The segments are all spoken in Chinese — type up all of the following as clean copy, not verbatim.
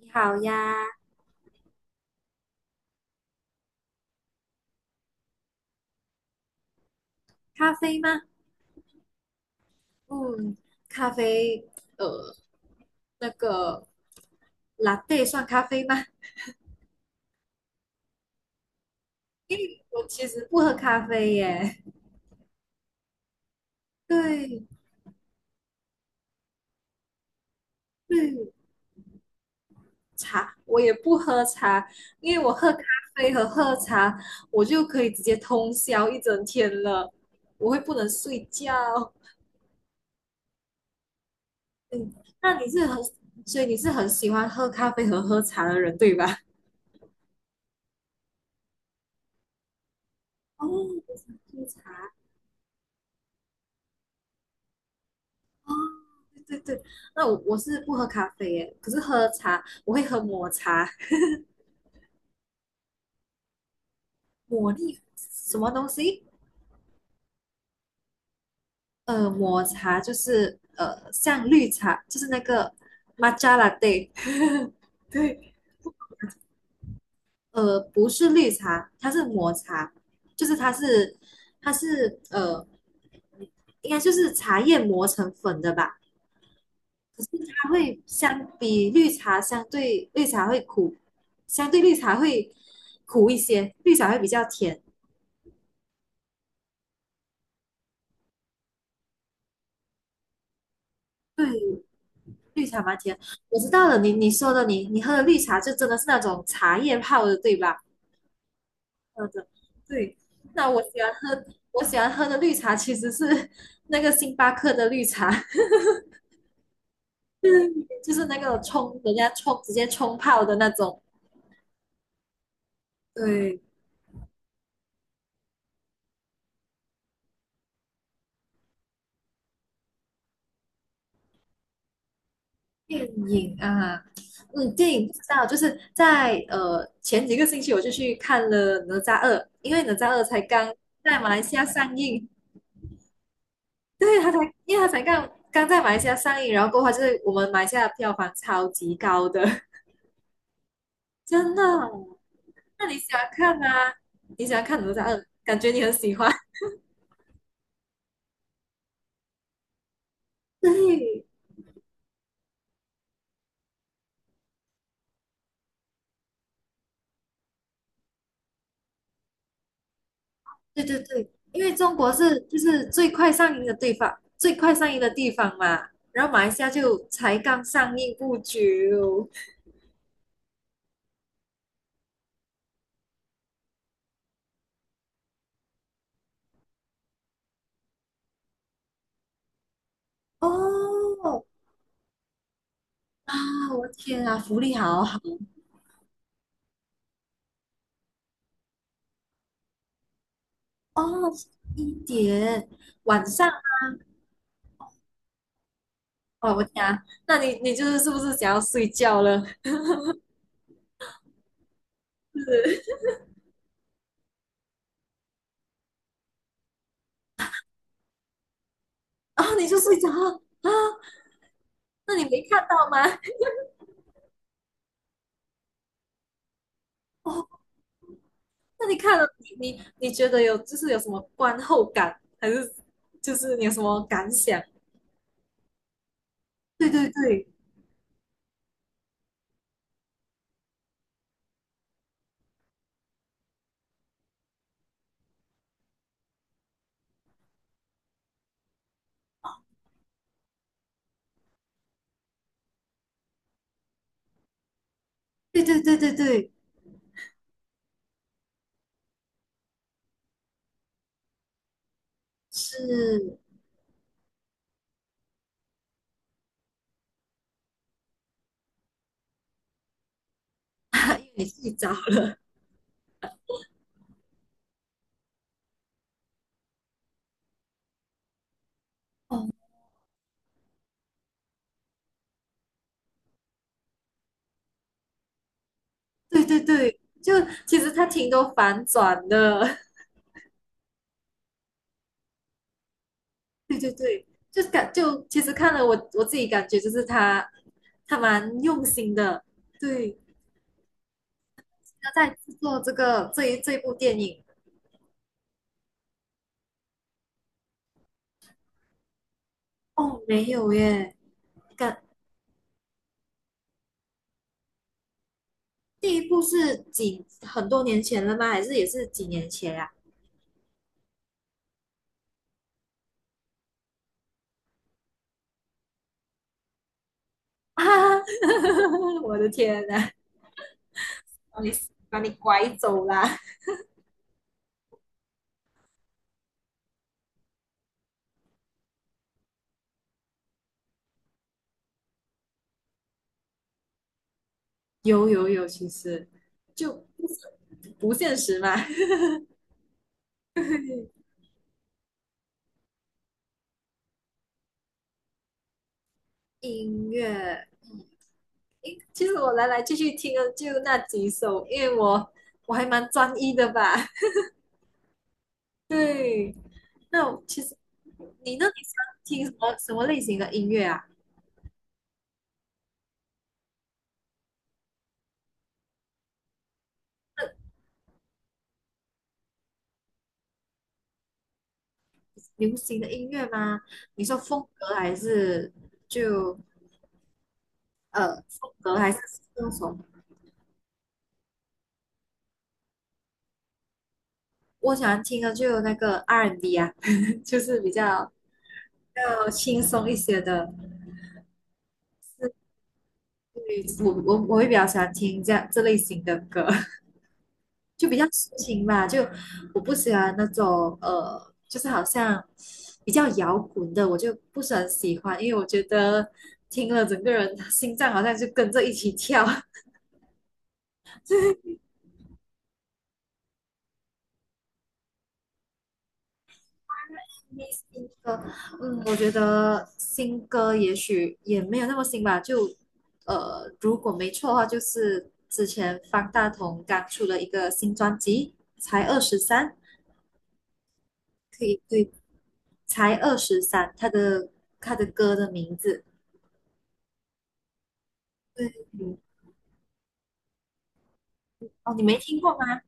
你好呀，咖啡吗？嗯，咖啡，呃，那个 LA 算咖啡吗？因为我其实不喝咖啡耶。对，绿茶我也不喝茶，因为我喝咖啡和喝茶，我就可以直接通宵一整天了，我会不能睡觉。嗯，那你是很，所以你是很喜欢喝咖啡和喝茶的人，对吧？哦，我想喝茶。哦，对对对，那我是不喝咖啡耶，可是喝茶我会喝抹茶，抹力什么东西？抹茶就是像绿茶，就是那个 matcha latte，对，不是绿茶，它是抹茶，就是它是应该就是茶叶磨成粉的吧？可是它会相比绿茶相对绿茶会苦，相对绿茶会苦一些，绿茶会比较甜。对，绿茶蛮甜。我知道了，你说的，你喝的绿茶就真的是那种茶叶泡的，对吧？喝的，对。那我喜欢喝，我喜欢喝的绿茶其实是 那个星巴克的绿茶，就是就是那个冲，人家冲直接冲泡的那种。对，电影啊，嗯，电影不知道，就是在前几个星期我就去看了《哪吒二》，因为《哪吒二》才刚在马来西亚上映。对，因为他才刚刚在马来西亚上映，然后过后他就是我们马来西亚的票房超级高的，真的。那你喜欢看啊？你喜欢看哪吒二？感觉你很喜欢。对，对对对，因为中国是就是最快上映的地方，最快上映的地方嘛。然后马来西亚就才刚上映不久。哦，啊，我的天啊，福利好好哦，一点晚上哦，我天啊，那你就是是不是想要睡觉了？然后你就睡着了啊？那你没看到吗？哦，那你看了，你觉得有就是有什么观后感，还是就是你有什么感想？对对对对对对对对，是，因为你睡着了。哦，对对对，就其实它挺多反转的，对对对，就其实看了我自己感觉就是他蛮用心的，对，他在制作这一部电影。哦，没有耶，感第一部是很多年前了吗？还是也是几年前呀、啊？啊 我的天呐，把你把你拐走啦！有有有，其实就不是不现实嘛。音乐，诶其实我来来去去听的就那几首，因为我还蛮专一的吧。对，那我其实那你喜欢听什么类型的音乐啊？流行的音乐吗？你说风格还是就风格还是那种我喜欢听的就有那个 R&B 啊，就是比较轻松一些的。对，我会比较喜欢听这类型的歌，就比较抒情吧。就我不喜欢那种就是好像比较摇滚的，我就不是很喜欢，因为我觉得听了整个人心脏好像就跟着一起跳。新歌，嗯，我觉得新歌也许也没有那么新吧，就如果没错的话，就是之前方大同刚出了一个新专辑，才二十三，可以对，才二十三，他的歌的名字，对哦，你没听过吗？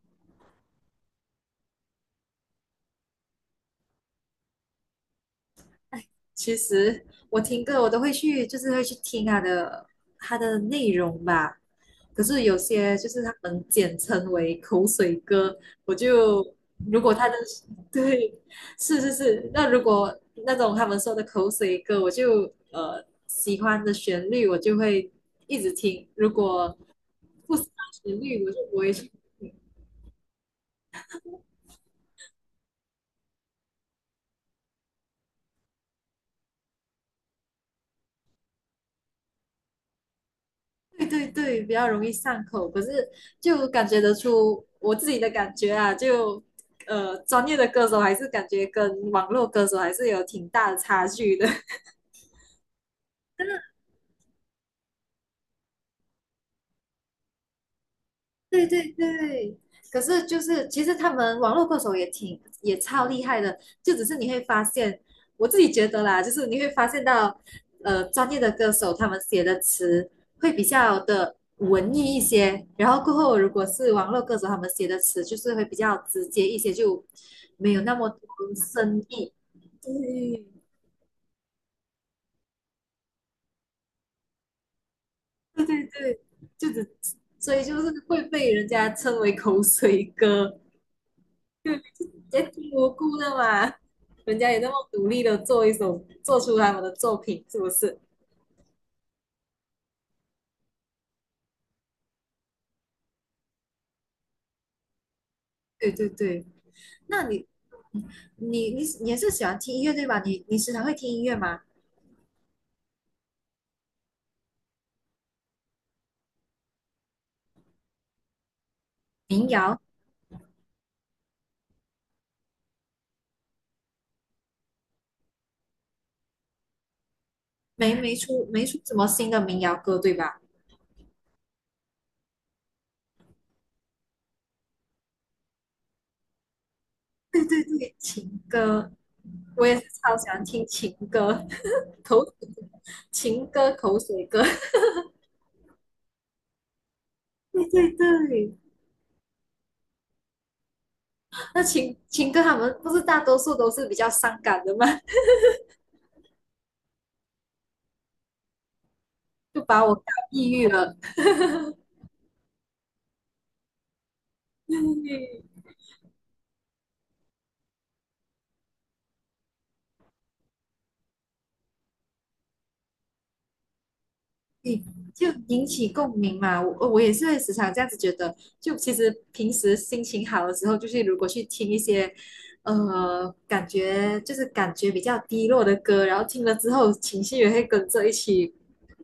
其实我听歌我都会去，就是会去听它的内容吧。可是有些就是他们简称为口水歌，我就如果他的对，是是是，那如果那种他们说的口水歌，我就喜欢的旋律，我就会一直听；如果不喜欢旋律，我就不会去对对对，比较容易上口，可是就感觉得出我自己的感觉啊，就专业的歌手还是感觉跟网络歌手还是有挺大的差距的。对对对，可是就是其实他们网络歌手也挺也超厉害的，就只是你会发现，我自己觉得啦，就是你会发现到，专业的歌手他们写的词会比较的文艺一些，然后过后如果是网络歌手他们写的词就是会比较直接一些，就没有那么多深意。对对对对，就只所以就是会被人家称为口水歌。在听无辜的嘛，人家也那么努力的做一首，做出他们的作品，是不是？对对对，那你也是喜欢听音乐对吧？你时常会听音乐吗？民谣没出什么新的民谣歌对吧？对对对，情歌我也是超喜欢听情歌，口情歌口水歌。对对对，那情歌他们不是大多数都是比较伤感的吗？就把我搞抑郁了。你就引起共鸣嘛。我也是会时常这样子觉得，就其实平时心情好的时候，就是如果去听一些，感觉就是感觉比较低落的歌，然后听了之后情绪也会跟着一起，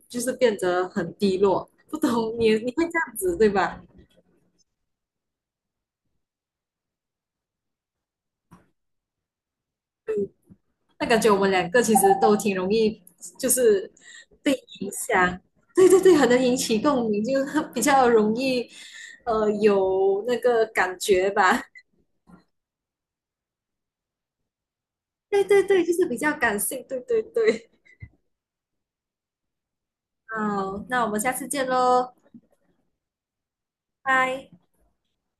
就是变得很低落。不懂你你会这样子对吧？那感觉我们两个其实都挺容易，就是被影响。对对对，很能引起共鸣，就 是比较容易，有那个感觉吧。对对对，就是比较感性，对对对。好，那我们下次见喽，拜。